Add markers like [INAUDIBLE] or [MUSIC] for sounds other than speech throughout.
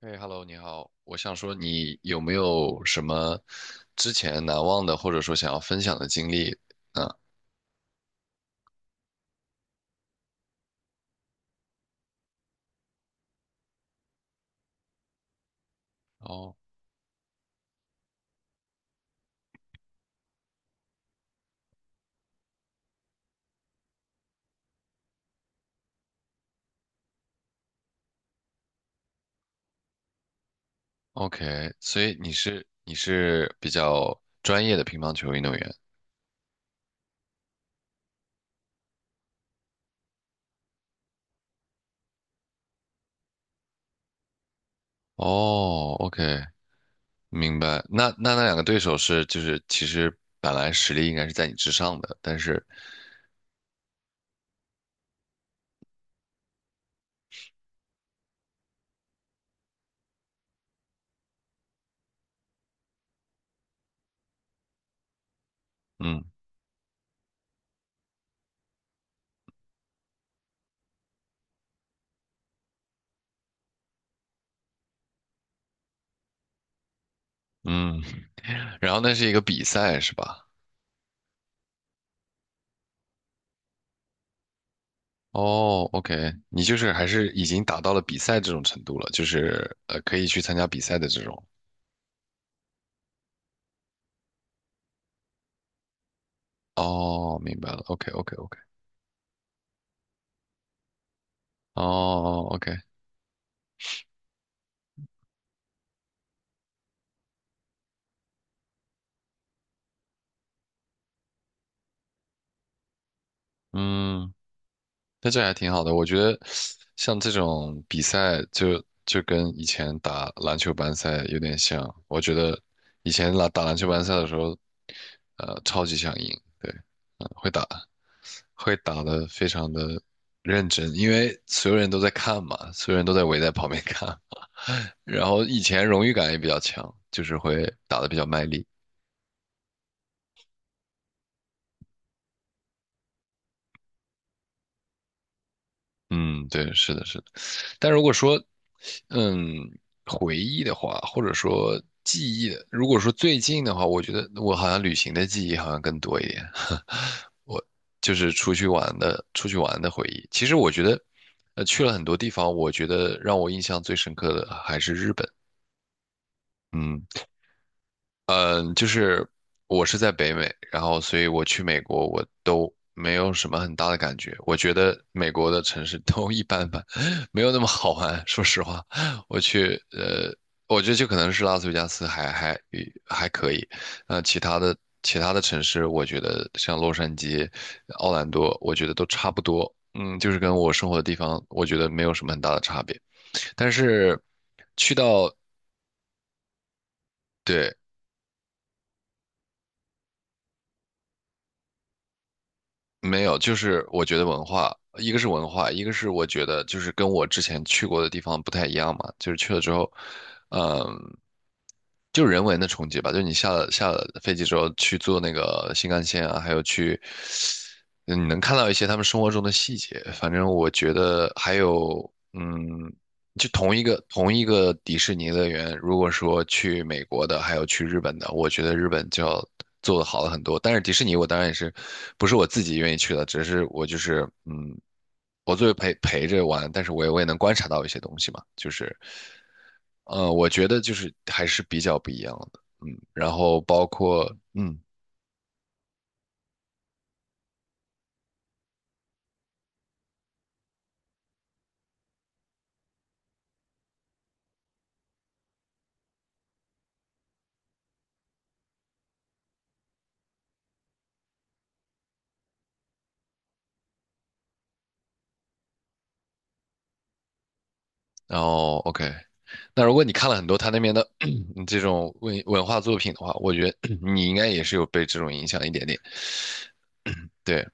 嘿，Hello，你好，我想说，你有没有什么之前难忘的，或者说想要分享的经历呢？哦，OK，所以你是比较专业的乒乓球运动员。哦，OK，明白。那2个对手是就是其实本来实力应该是在你之上的，但是嗯嗯。[LAUGHS] 然后那是一个比赛是吧？哦，OK，你就是还是已经达到了比赛这种程度了，就是可以去参加比赛的这种。哦，明白了。OK，OK，OK。哦哦，OK，嗯，那这还挺好的。我觉得像这种比赛就跟以前打篮球班赛有点像。我觉得以前打篮球班赛的时候，超级想赢，对，嗯会打，会打得非常的认真，因为所有人都在看嘛，所有人都在围在旁边看。[LAUGHS] 然后以前荣誉感也比较强，就是会打得比较卖力。嗯，对，是的，是的。但如果说，嗯，回忆的话，或者说记忆的，如果说最近的话，我觉得我好像旅行的记忆好像更多一点。[LAUGHS] 我就是出去玩的回忆。其实我觉得，去了很多地方，我觉得让我印象最深刻的还是日本。嗯。嗯，就是我是在北美，然后所以我去美国我都没有什么很大的感觉。我觉得美国的城市都一般般，[LAUGHS] 没有那么好玩。说实话，我去呃，我觉得就可能是拉斯维加斯还可以，呃，其他的其他的城市，我觉得像洛杉矶、奥兰多，我觉得都差不多。就是跟我生活的地方，我觉得没有什么很大的差别。但是去到对，没有，就是我觉得文化，一个是文化，一个是我觉得就是跟我之前去过的地方不太一样嘛，就是去了之后，嗯，就人文的冲击吧，就是你下了飞机之后去坐那个新干线啊，还有去，嗯你能看到一些他们生活中的细节，反正我觉得还有，嗯。就同一个迪士尼乐园，如果说去美国的，还有去日本的，我觉得日本就要做的好了很多。但是迪士尼，我当然也是不是我自己愿意去的，只是我就是我作为陪着玩，但是我也能观察到一些东西嘛，就是我觉得就是还是比较不一样的，然后包括然后 OK。那如果你看了很多他那边的 [CLEARS THROAT] 这种文化作品的话，我觉得 [CLEARS THROAT] 你应该也是有被这种影响一点点。对，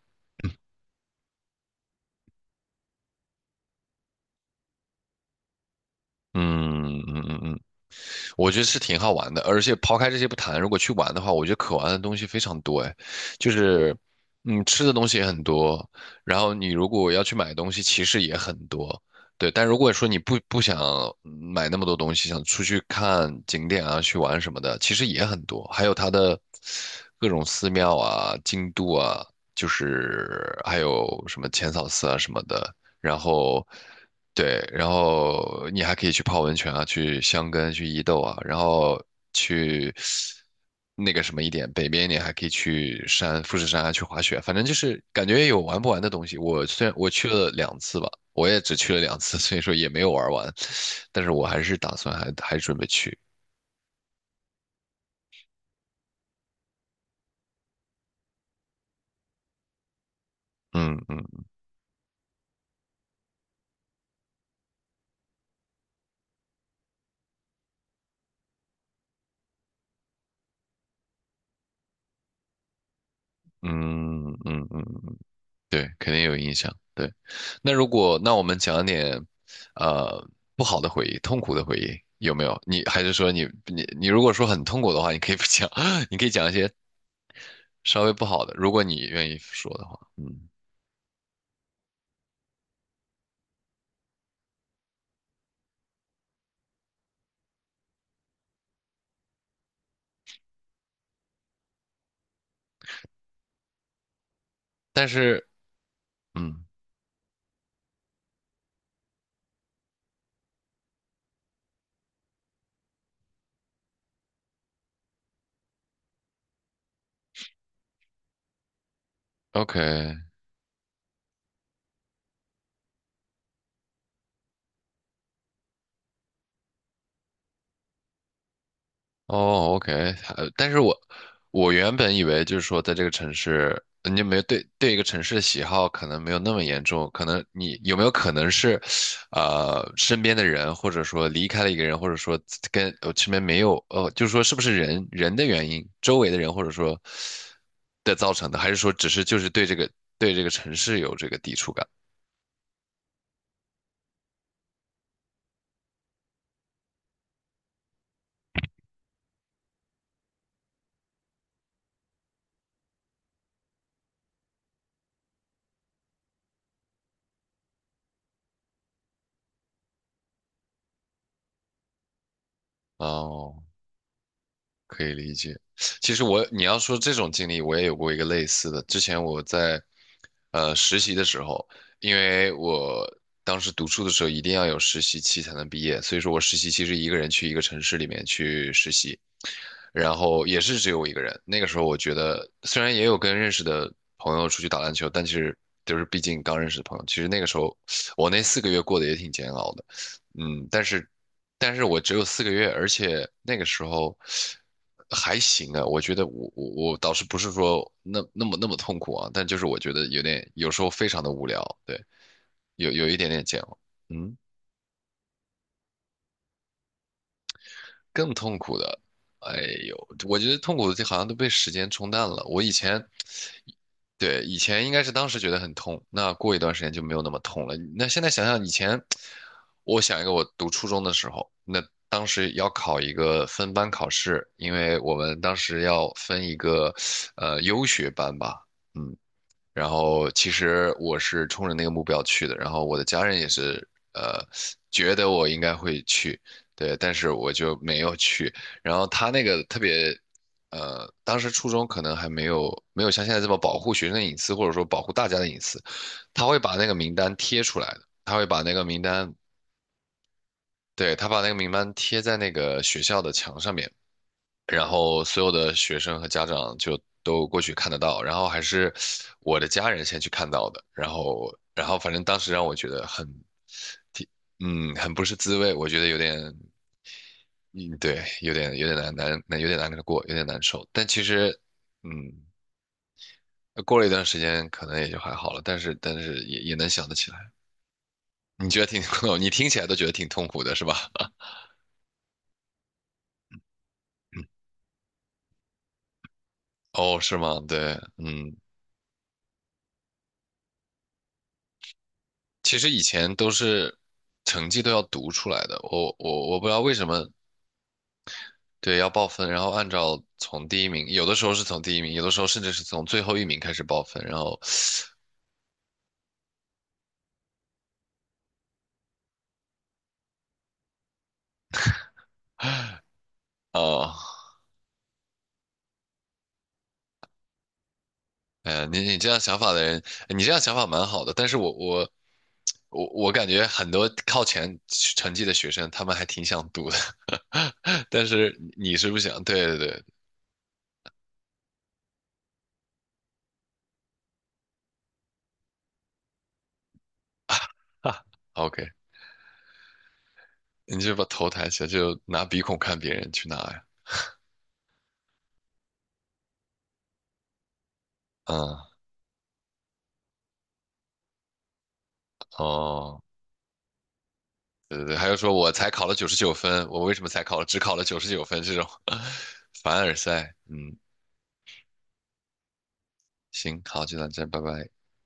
嗯嗯嗯嗯，我觉得是挺好玩的，而且抛开这些不谈，如果去玩的话，我觉得可玩的东西非常多，哎，就是吃的东西也很多，然后你如果要去买东西，其实也很多，对。但如果说你不想买那么多东西，想出去看景点啊，去玩什么的，其实也很多，还有它的各种寺庙啊、京都啊，就是还有什么浅草寺啊什么的。然后对，然后你还可以去泡温泉啊，去箱根、去伊豆啊，然后去那个什么一点，北边一点还可以去富士山啊，去滑雪，反正就是感觉有玩不完的东西。我虽然我去了两次吧，我也只去了两次，[LAUGHS] 所以说也没有玩完，但是我还是打算还准备去。嗯嗯嗯嗯嗯嗯，对，肯定有影响。对，那如果那我们讲点，呃，不好的回忆、痛苦的回忆有没有？你还是说你如果说很痛苦的话，你可以不讲，[LAUGHS] 你可以讲一些稍微不好的，如果你愿意说的话。嗯，但是嗯，OK，哦，OK，但是我原本以为就是说，在这个城市，你有没有对一个城市的喜好可能没有那么严重，可能你有没有可能是，身边的人，或者说离开了一个人，或者说跟身边没有，就是说是不是人人的原因，周围的人或者说的造成的，还是说只是就是对这个城市有这个抵触感？哦，可以理解。其实我，你要说这种经历，我也有过一个类似的。之前我在实习的时候，因为我当时读书的时候一定要有实习期才能毕业，所以说我实习期是一个人去一个城市里面去实习，然后也是只有我一个人。那个时候我觉得，虽然也有跟认识的朋友出去打篮球，但其实就是毕竟刚认识的朋友，其实那个时候我那四个月过得也挺煎熬的。嗯，但是我只有四个月，而且那个时候还行啊。我觉得我倒是不是说那么痛苦啊，但就是我觉得有时候非常的无聊，对，有一点点煎熬。嗯。更痛苦的，哎呦，我觉得痛苦的就好像都被时间冲淡了。我以前，对，以前应该是当时觉得很痛，那过一段时间就没有那么痛了。那现在想想以前，我想一个我读初中的时候，那当时要考一个分班考试，因为我们当时要分一个优学班吧，嗯，然后其实我是冲着那个目标去的，然后我的家人也是呃觉得我应该会去，对，但是我就没有去。然后他那个特别，当时初中可能还没有像现在这么保护学生的隐私，或者说保护大家的隐私，他会把那个名单贴出来的，他会把那个名单，对，他把那个名单贴在那个学校的墙上面。然后所有的学生和家长就都过去看得到，然后还是我的家人先去看到的，然后反正当时让我觉得很，挺很不是滋味，我觉得有点，嗯，对，有点难难难，有点难过，有点难受，但其实，嗯，过了一段时间可能也就还好了，但是也能想得起来，你觉得挺，[LAUGHS] 你听起来都觉得挺痛苦的是吧？[LAUGHS] 哦，是吗？对，嗯。其实以前都是成绩都要读出来的，我不知道为什么，对，要报分，然后按照从第一名，有的时候是从第一名，有的时候甚至是从最后一名开始报分，然后，哦，哎呀，你这样想法的人，你这样想法蛮好的，但是我感觉很多靠前成绩的学生，他们还挺想读的，[LAUGHS] 但是你是不想，对对对 [LAUGHS] 哈，OK，你就把头抬起来，就拿鼻孔看别人去拿呀，嗯，哦。对对对，还有说我才考了九十九分，我为什么才只考了九十九分这种 [LAUGHS] 凡尔赛，嗯，行，好，就到这，拜拜。